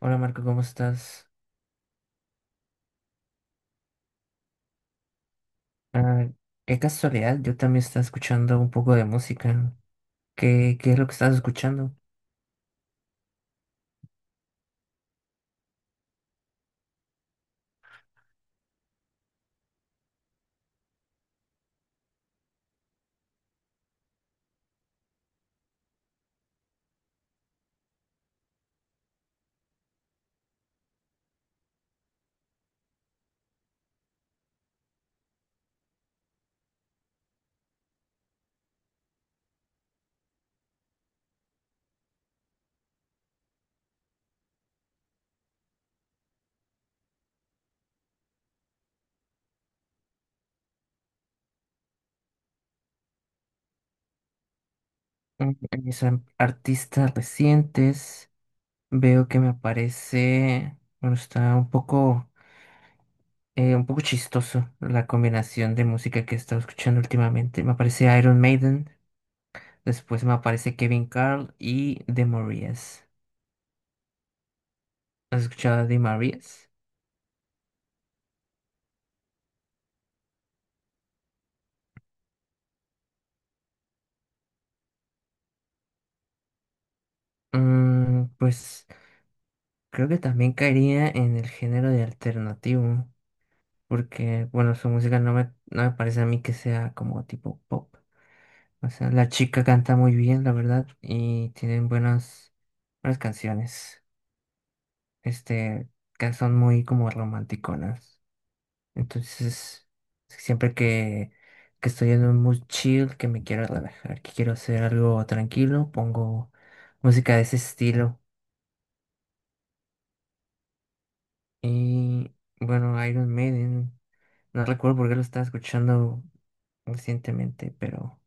Hola Marco, ¿cómo estás? Ah, qué casualidad, yo también estaba escuchando un poco de música. ¿Qué es lo que estás escuchando? En mis artistas recientes veo que me aparece, bueno, está un poco chistoso la combinación de música que he estado escuchando últimamente. Me aparece Iron Maiden, después me aparece Kevin Carl y The Marías. ¿Has escuchado a The Marías? Pues creo que también caería en el género de alternativo, porque, bueno, su música no me parece a mí que sea como tipo pop. O sea, la chica canta muy bien, la verdad, y tienen buenas canciones, este, que son muy como romanticonas. Entonces, siempre que estoy en un mood chill, que me quiero relajar, que quiero hacer algo tranquilo, pongo música de ese estilo. Y, bueno, Iron Maiden, no recuerdo por qué lo estaba escuchando recientemente, pero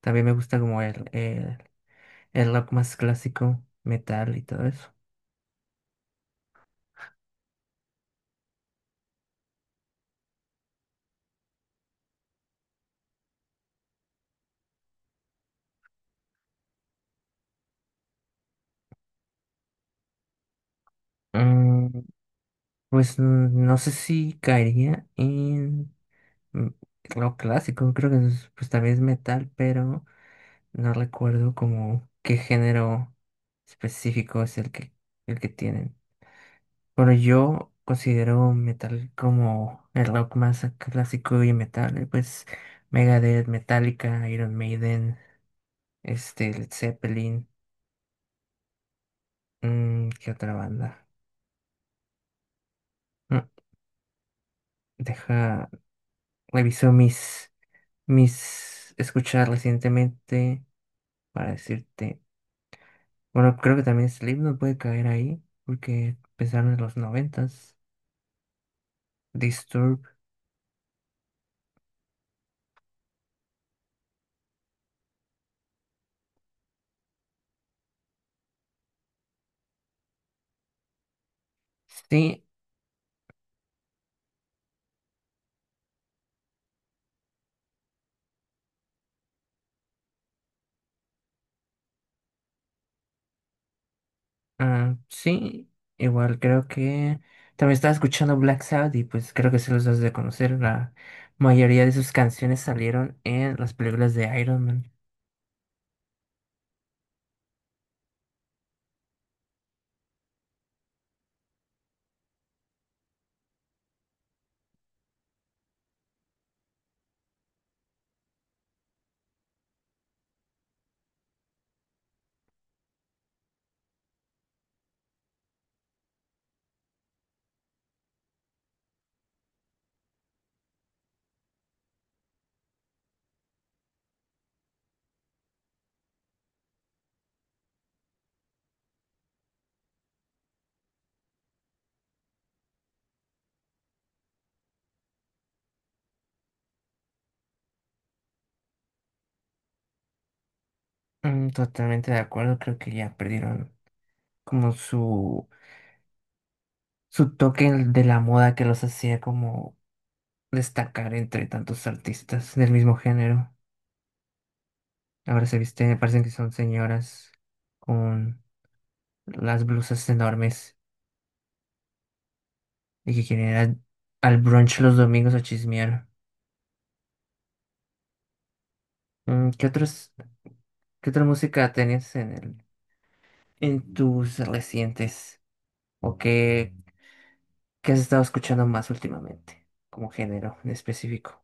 también me gusta como el rock más clásico, metal y todo eso. Mm, pues no sé si caería en mm, rock clásico, creo que pues también es metal, pero no recuerdo como qué género específico es el que tienen. Bueno, yo considero metal como el rock más clásico y metal, pues Megadeth, Metallica, Iron Maiden, este, Led Zeppelin, mm, ¿qué otra banda? Mm, deja, reviso mis escuchar recientemente para decirte. Bueno, creo que también Slipknot puede caer ahí, porque empezaron en los noventas. Disturb. Sí, ah, sí. Igual creo que también estaba escuchando Black Sabbath y pues creo que se los das de conocer. La mayoría de sus canciones salieron en las películas de Iron Man. Mm, totalmente de acuerdo, creo que ya perdieron como su toque de la moda que los hacía como destacar entre tantos artistas del mismo género. Ahora se visten, me parecen que son señoras con las blusas enormes y que quieren ir al brunch los domingos a chismear. Mm, ¿qué otra música tenías en en tus recientes o qué has estado escuchando más últimamente como género en específico?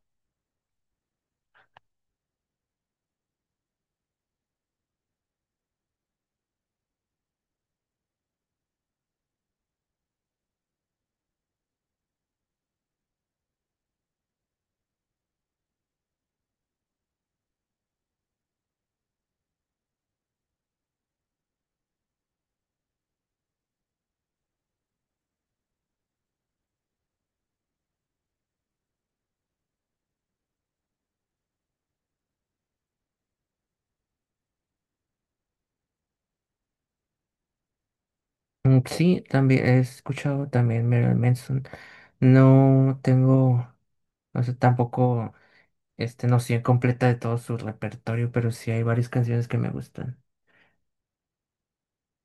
Mm, sí, también he escuchado también Marilyn Manson. No tengo, no sé, tampoco este noción completa de todo su repertorio, pero sí hay varias canciones que me gustan.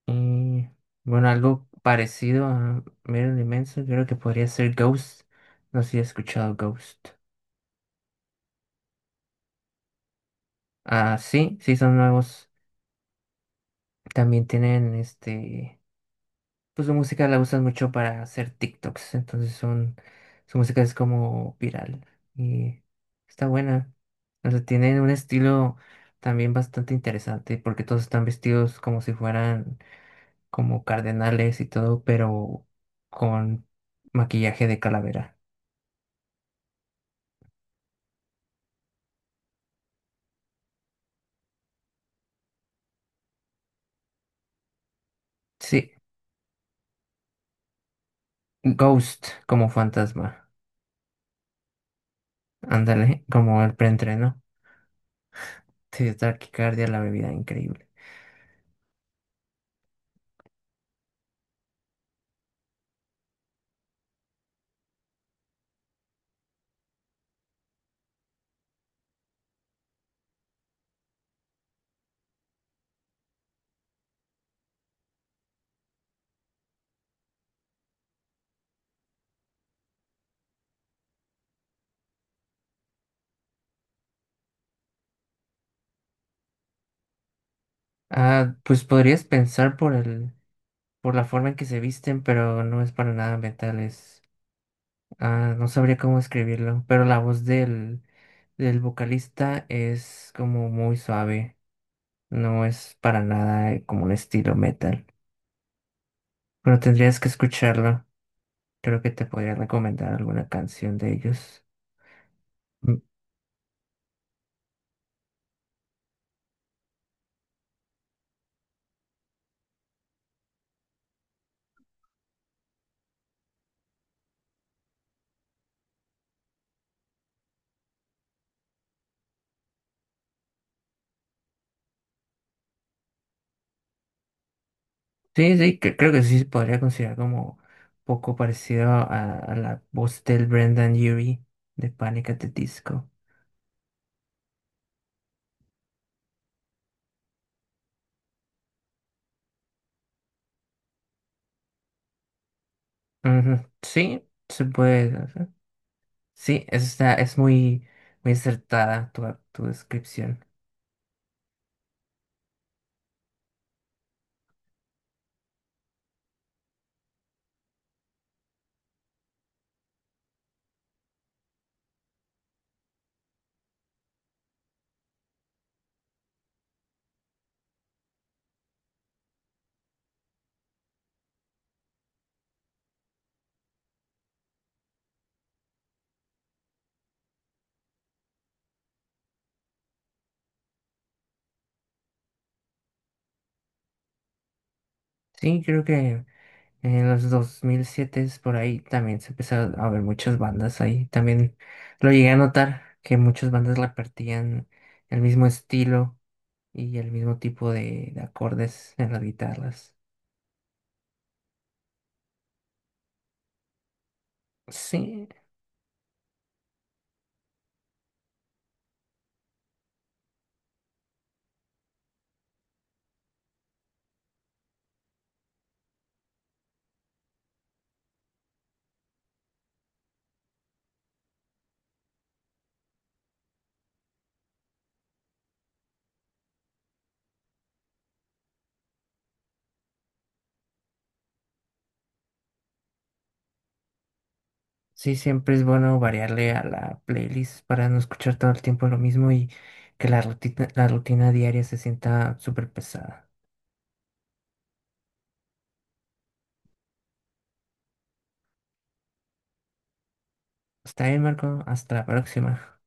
Y bueno, algo parecido a Marilyn Manson, creo que podría ser Ghost. No sé si he escuchado Ghost. Ah, sí, son nuevos. También tienen este, pues su música la usan mucho para hacer TikToks, entonces son, su música es como viral y está buena. O sea, tienen un estilo también bastante interesante porque todos están vestidos como si fueran como cardenales y todo, pero con maquillaje de calavera. Sí, Ghost como fantasma. Ándale, como el preentreno. Sí, taquicardia, la bebida increíble. Ah, pues podrías pensar por por la forma en que se visten, pero no es para nada metal, es, ah, no sabría cómo escribirlo, pero la voz del vocalista es como muy suave, no es para nada como un estilo metal, pero tendrías que escucharlo, creo que te podría recomendar alguna canción de ellos. Mm, Sí, creo que sí se podría considerar como poco parecido a la voz del Brendan Urie de Panic at the Disco. Ujú, sí, se puede hacer. Sí, eso está, es muy acertada tu descripción. Sí, creo que en los 2007 por ahí también se empezaron a ver muchas bandas ahí. También lo llegué a notar que muchas bandas repartían el mismo estilo y el mismo tipo de acordes en las guitarras. Sí, Sí, siempre es bueno variarle a la playlist para no escuchar todo el tiempo lo mismo y que la rutina diaria se sienta súper pesada. Está bien, Marco. Hasta la próxima.